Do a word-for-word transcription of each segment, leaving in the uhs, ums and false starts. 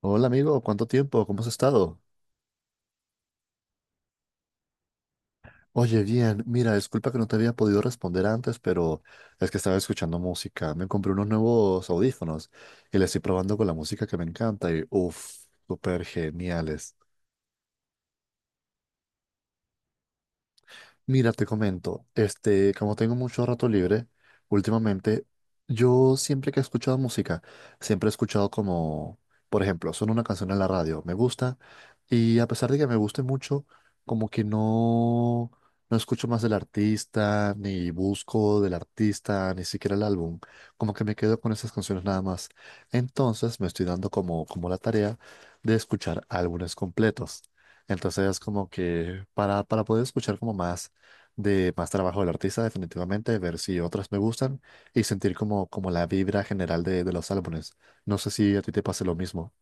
Hola amigo, ¿cuánto tiempo? ¿Cómo has estado? Oye, bien, mira, disculpa que no te había podido responder antes, pero es que estaba escuchando música. Me compré unos nuevos audífonos y les estoy probando con la música que me encanta y uff, súper geniales. Mira, te comento, este, como tengo mucho rato libre últimamente, yo siempre que he escuchado música, siempre he escuchado como, por ejemplo, suena una canción en la radio, me gusta, y a pesar de que me guste mucho, como que no, no escucho más del artista, ni busco del artista, ni siquiera el álbum, como que me quedo con esas canciones nada más. Entonces me estoy dando como, como la tarea de escuchar álbumes completos. Entonces, como que para, para poder escuchar como más de más trabajo del artista, definitivamente, ver si otras me gustan y sentir como, como la vibra general de, de los álbumes. No sé si a ti te pase lo mismo.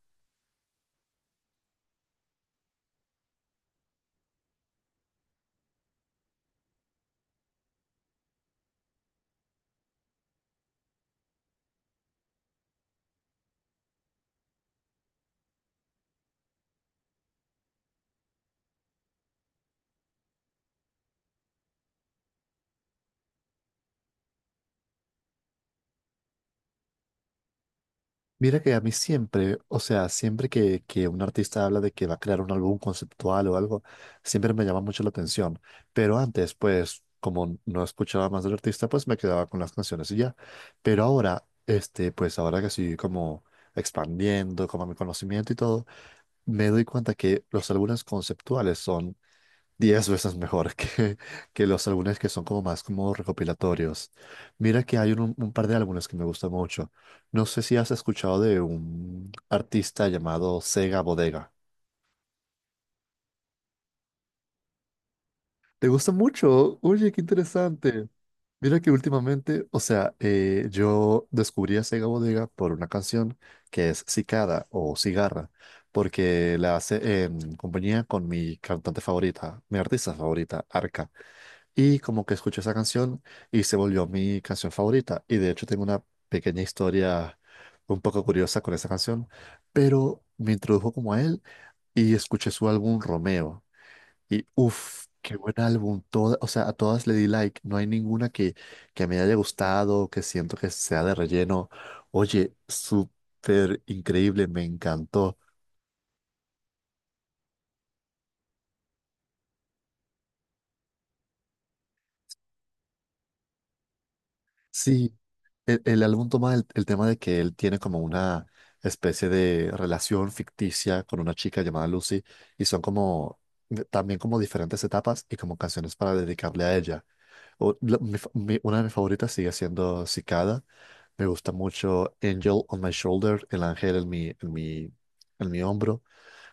Mira que a mí siempre, o sea, siempre que, que un artista habla de que va a crear un álbum conceptual o algo, siempre me llama mucho la atención. Pero antes, pues, como no escuchaba más del artista, pues me quedaba con las canciones y ya. Pero ahora, este, pues ahora que estoy como expandiendo como mi conocimiento y todo, me doy cuenta que los álbumes conceptuales son diez veces mejor que, que los álbumes que son como más como recopilatorios. Mira que hay un, un par de álbumes que me gustan mucho. No sé si has escuchado de un artista llamado Sega Bodega. ¿Te gusta mucho? Oye, qué interesante. Mira que últimamente, o sea, eh, yo descubrí a Sega Bodega por una canción que es Cicada o Cigarra, porque la hace en compañía con mi cantante favorita, mi artista favorita, Arca. Y como que escuché esa canción y se volvió mi canción favorita. Y de hecho tengo una pequeña historia un poco curiosa con esa canción, pero me introdujo como a él y escuché su álbum Romeo. Y uff, qué buen álbum. Toda, o sea, a todas le di like. No hay ninguna que, que me haya gustado, que siento que sea de relleno. Oye, súper increíble, me encantó. Sí, el, el álbum toma el, el tema de que él tiene como una especie de relación ficticia con una chica llamada Lucy y son como eh, también como diferentes etapas y como canciones para dedicarle a ella. O- la- mi fa- mi- una de mis favoritas sigue siendo Cicada. Me gusta mucho Angel on My Shoulder, el ángel en mi, en mi, en mi hombro.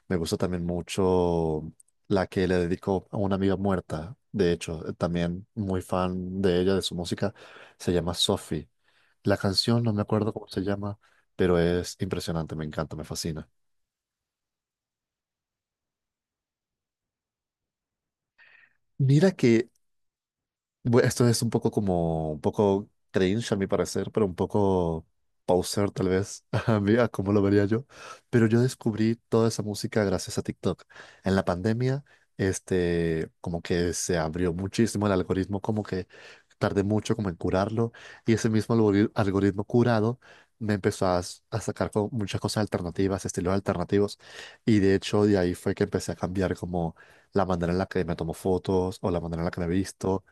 Me gusta también mucho la que le dedico a una amiga muerta. De hecho, eh, también muy fan de ella, de su música. Se llama Sophie. La canción no me acuerdo cómo se llama, pero es impresionante, me encanta, me fascina. Mira que Bu- Esto es un poco como, un poco cringe a mi parecer, pero un poco poser tal vez, a mí, a cómo lo vería yo. Pero yo descubrí toda esa música gracias a TikTok. En la pandemia, este, como que se abrió muchísimo el algoritmo, como que tardé mucho como en curarlo, y ese mismo algori- algoritmo curado me empezó a, s- a sacar como muchas cosas alternativas, estilos alternativos, y de hecho de ahí fue que empecé a cambiar como la manera en la que me tomo fotos o la manera en la que me visto,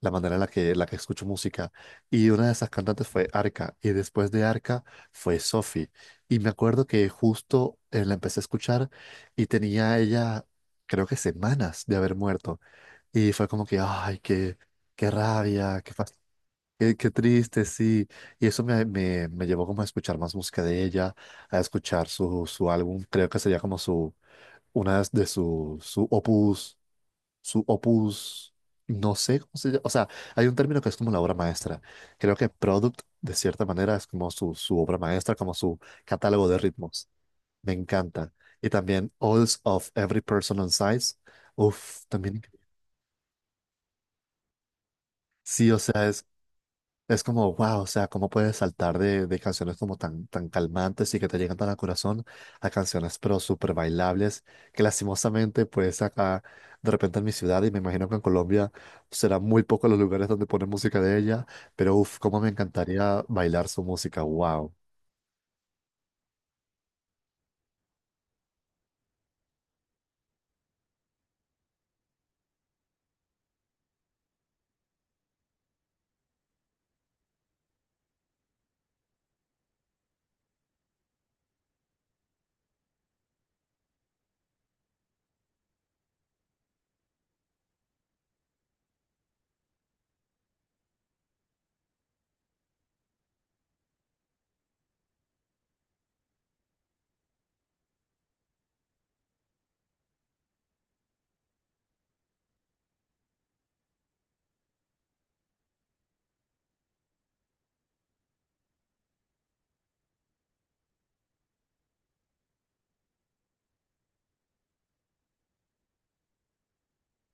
la manera en la que, la que escucho música. Y una de esas cantantes fue Arca, y después de Arca fue Sophie. Y me acuerdo que justo eh, la empecé a escuchar y tenía ella, creo que semanas de haber muerto. Y fue como que, ay, qué, qué rabia, qué, fas- qué, qué triste, sí. Y eso me, me, me llevó como a escuchar más música de ella, a escuchar su, su álbum, creo que sería como su, una de sus, su opus su opus, no sé cómo se llama, o sea, hay un término que es como la obra maestra. Creo que Product, de cierta manera, es como su, su obra maestra, como su catálogo de ritmos. Me encanta. Y también Alls of Every Person on Size. Uf, también. Sí, o sea, es Es como, wow, o sea, cómo puedes saltar de, de canciones como tan, tan calmantes y que te llegan tan al corazón a canciones pero súper bailables, que lastimosamente pues acá de repente en mi ciudad y me imagino que en Colombia será muy poco los lugares donde ponen música de ella, pero uff, cómo me encantaría bailar su música, wow.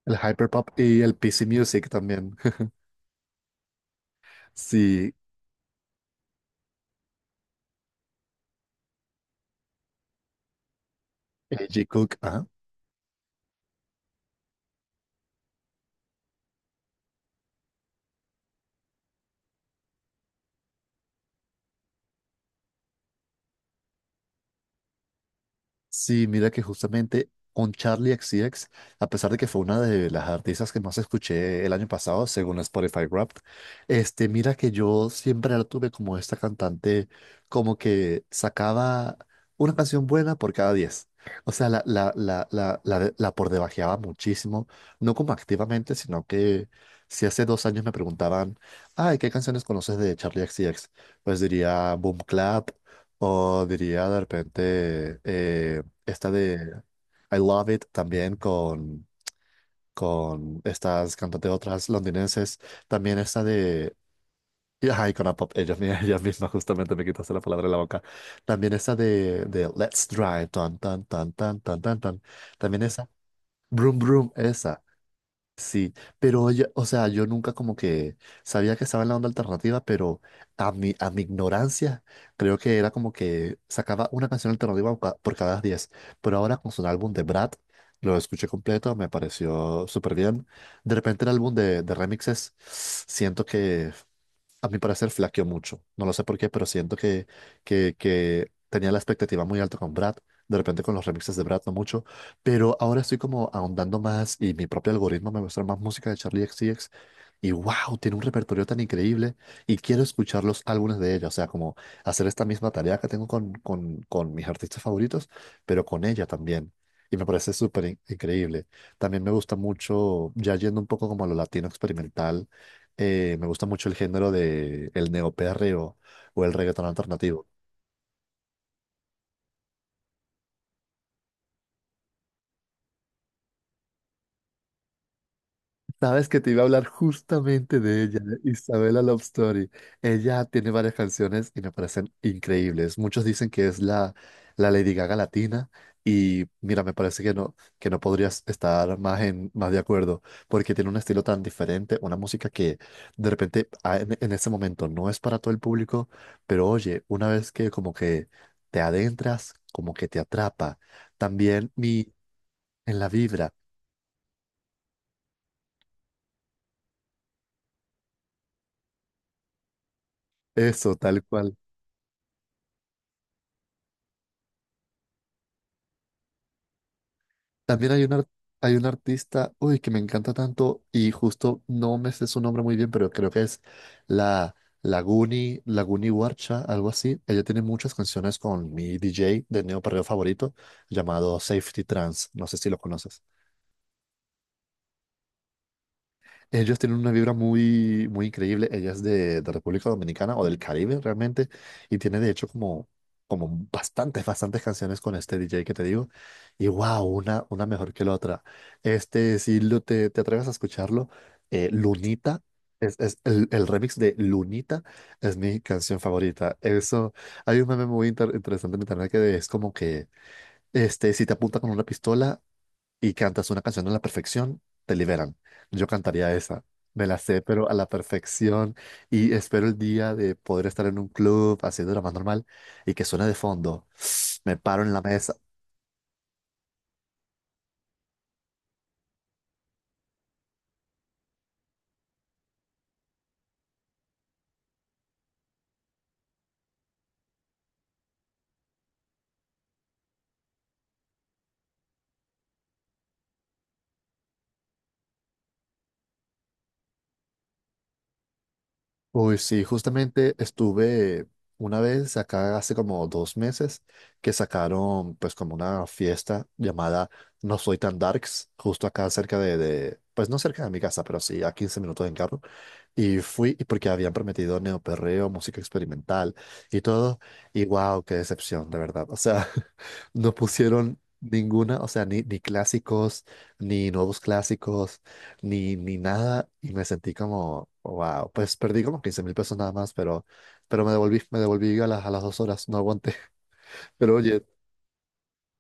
El hyperpop y el P C Music también. Sí, A G Cook, ajá. Sí, mira que justamente con Charlie X C X, a pesar de que fue una de las artistas que más escuché el año pasado, según Spotify Wrapped, este, mira que yo siempre la tuve como esta cantante, como que sacaba una canción buena por cada diez. O sea, la, la, la, la, la, de- la por debajeaba muchísimo, no como activamente, sino que si hace dos años me preguntaban, ay, ¿qué canciones conoces de Charlie X C X? Pues diría Boom Clap. O diría de repente eh, esta de I Love It también con, con estas cantantes otras londinenses. También esta de. Y, ajá, y con la pop, ellos, mi- ellos mismos justamente me quitaste la palabra de la boca. También esta de, de Let's Drive, tan, tan, tan, tan, tan, tan, tan. También esa, Broom Broom, esa. Sí, pero oye, o sea, yo nunca como que sabía que estaba en la onda alternativa, pero a mi, a mi ignorancia creo que era como que sacaba una canción alternativa por ca- por cada diez. Pero ahora con su álbum de Brad, lo escuché completo, me pareció súper bien. De repente el álbum de, de remixes, siento que a mi parecer flaqueó mucho. No lo sé por qué, pero siento que, que, que tenía la expectativa muy alta con Brad. De repente con los remixes de Brad no mucho. Pero ahora estoy como ahondando más y mi propio algoritmo me muestra más música de Charlie X C X. Y wow, tiene un repertorio tan increíble y quiero escuchar los álbumes de ella. O sea, como hacer esta misma tarea que tengo con, con, con mis artistas favoritos, pero con ella también. Y me parece súper in- increíble. También me gusta mucho, ya yendo un poco como a lo latino experimental, eh, me gusta mucho el género de el neoperreo o el reggaetón alternativo. Sabes que te iba a hablar justamente de ella, de Isabella Love Story. Ella tiene varias canciones y me parecen increíbles. Muchos dicen que es la, la Lady Gaga latina y mira, me parece que no, que no podrías estar más, en, más de acuerdo porque tiene un estilo tan diferente, una música que de repente a- en, en ese momento no es para todo el público, pero oye, una vez que como que te adentras, como que te atrapa. También mi, en la vibra, eso, tal cual. También hay un, ar- hay un artista, uy, que me encanta tanto y justo no me sé su nombre muy bien, pero creo que es la Laguni, Laguni Warcha, algo así. Ella tiene muchas canciones con mi D J de Neo Perreo favorito llamado Safety Trance. No sé si lo conoces. Ellos tienen una vibra muy, muy increíble. Ella es de, de República Dominicana o del Caribe realmente. Y tiene de hecho como, como bastantes, bastantes canciones con este D J que te digo. Y wow, una, una mejor que la otra. Este, si lo- te, te atreves a escucharlo, eh, Lunita, es, es el, el remix de Lunita es mi canción favorita. Eso, hay un meme muy inter- interesante en internet que es como que, este, si te apunta con una pistola, y cantas una canción a la perfección, te liberan. Yo cantaría esa. Me la sé, pero a la perfección. Y espero el día de poder estar en un club haciendo lo más normal y que suene de fondo. Me paro en la mesa. Uy, sí, justamente estuve una vez acá hace como dos meses que sacaron pues como una fiesta llamada No Soy Tan Darks, justo acá cerca de, de- pues no cerca de mi casa, pero sí a quince minutos en carro. Y fui, y porque habían prometido neoperreo, música experimental y todo. Y wow, qué decepción, de verdad. O sea, no pusieron ninguna, o sea, ni, ni clásicos, ni nuevos clásicos, ni, ni nada. Y me sentí como, wow, pues perdí como quince mil pesos nada más, pero, pero me devolví, me devolví a las, a las dos horas, no aguanté. Pero oye,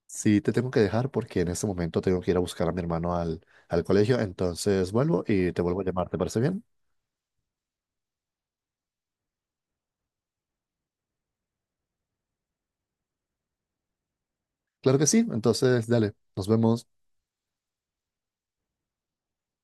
sí te tengo que dejar porque en este momento tengo que ir a buscar a mi hermano al, al colegio. Entonces vuelvo y te vuelvo a llamar, ¿te parece bien? Claro que sí, entonces dale, nos vemos.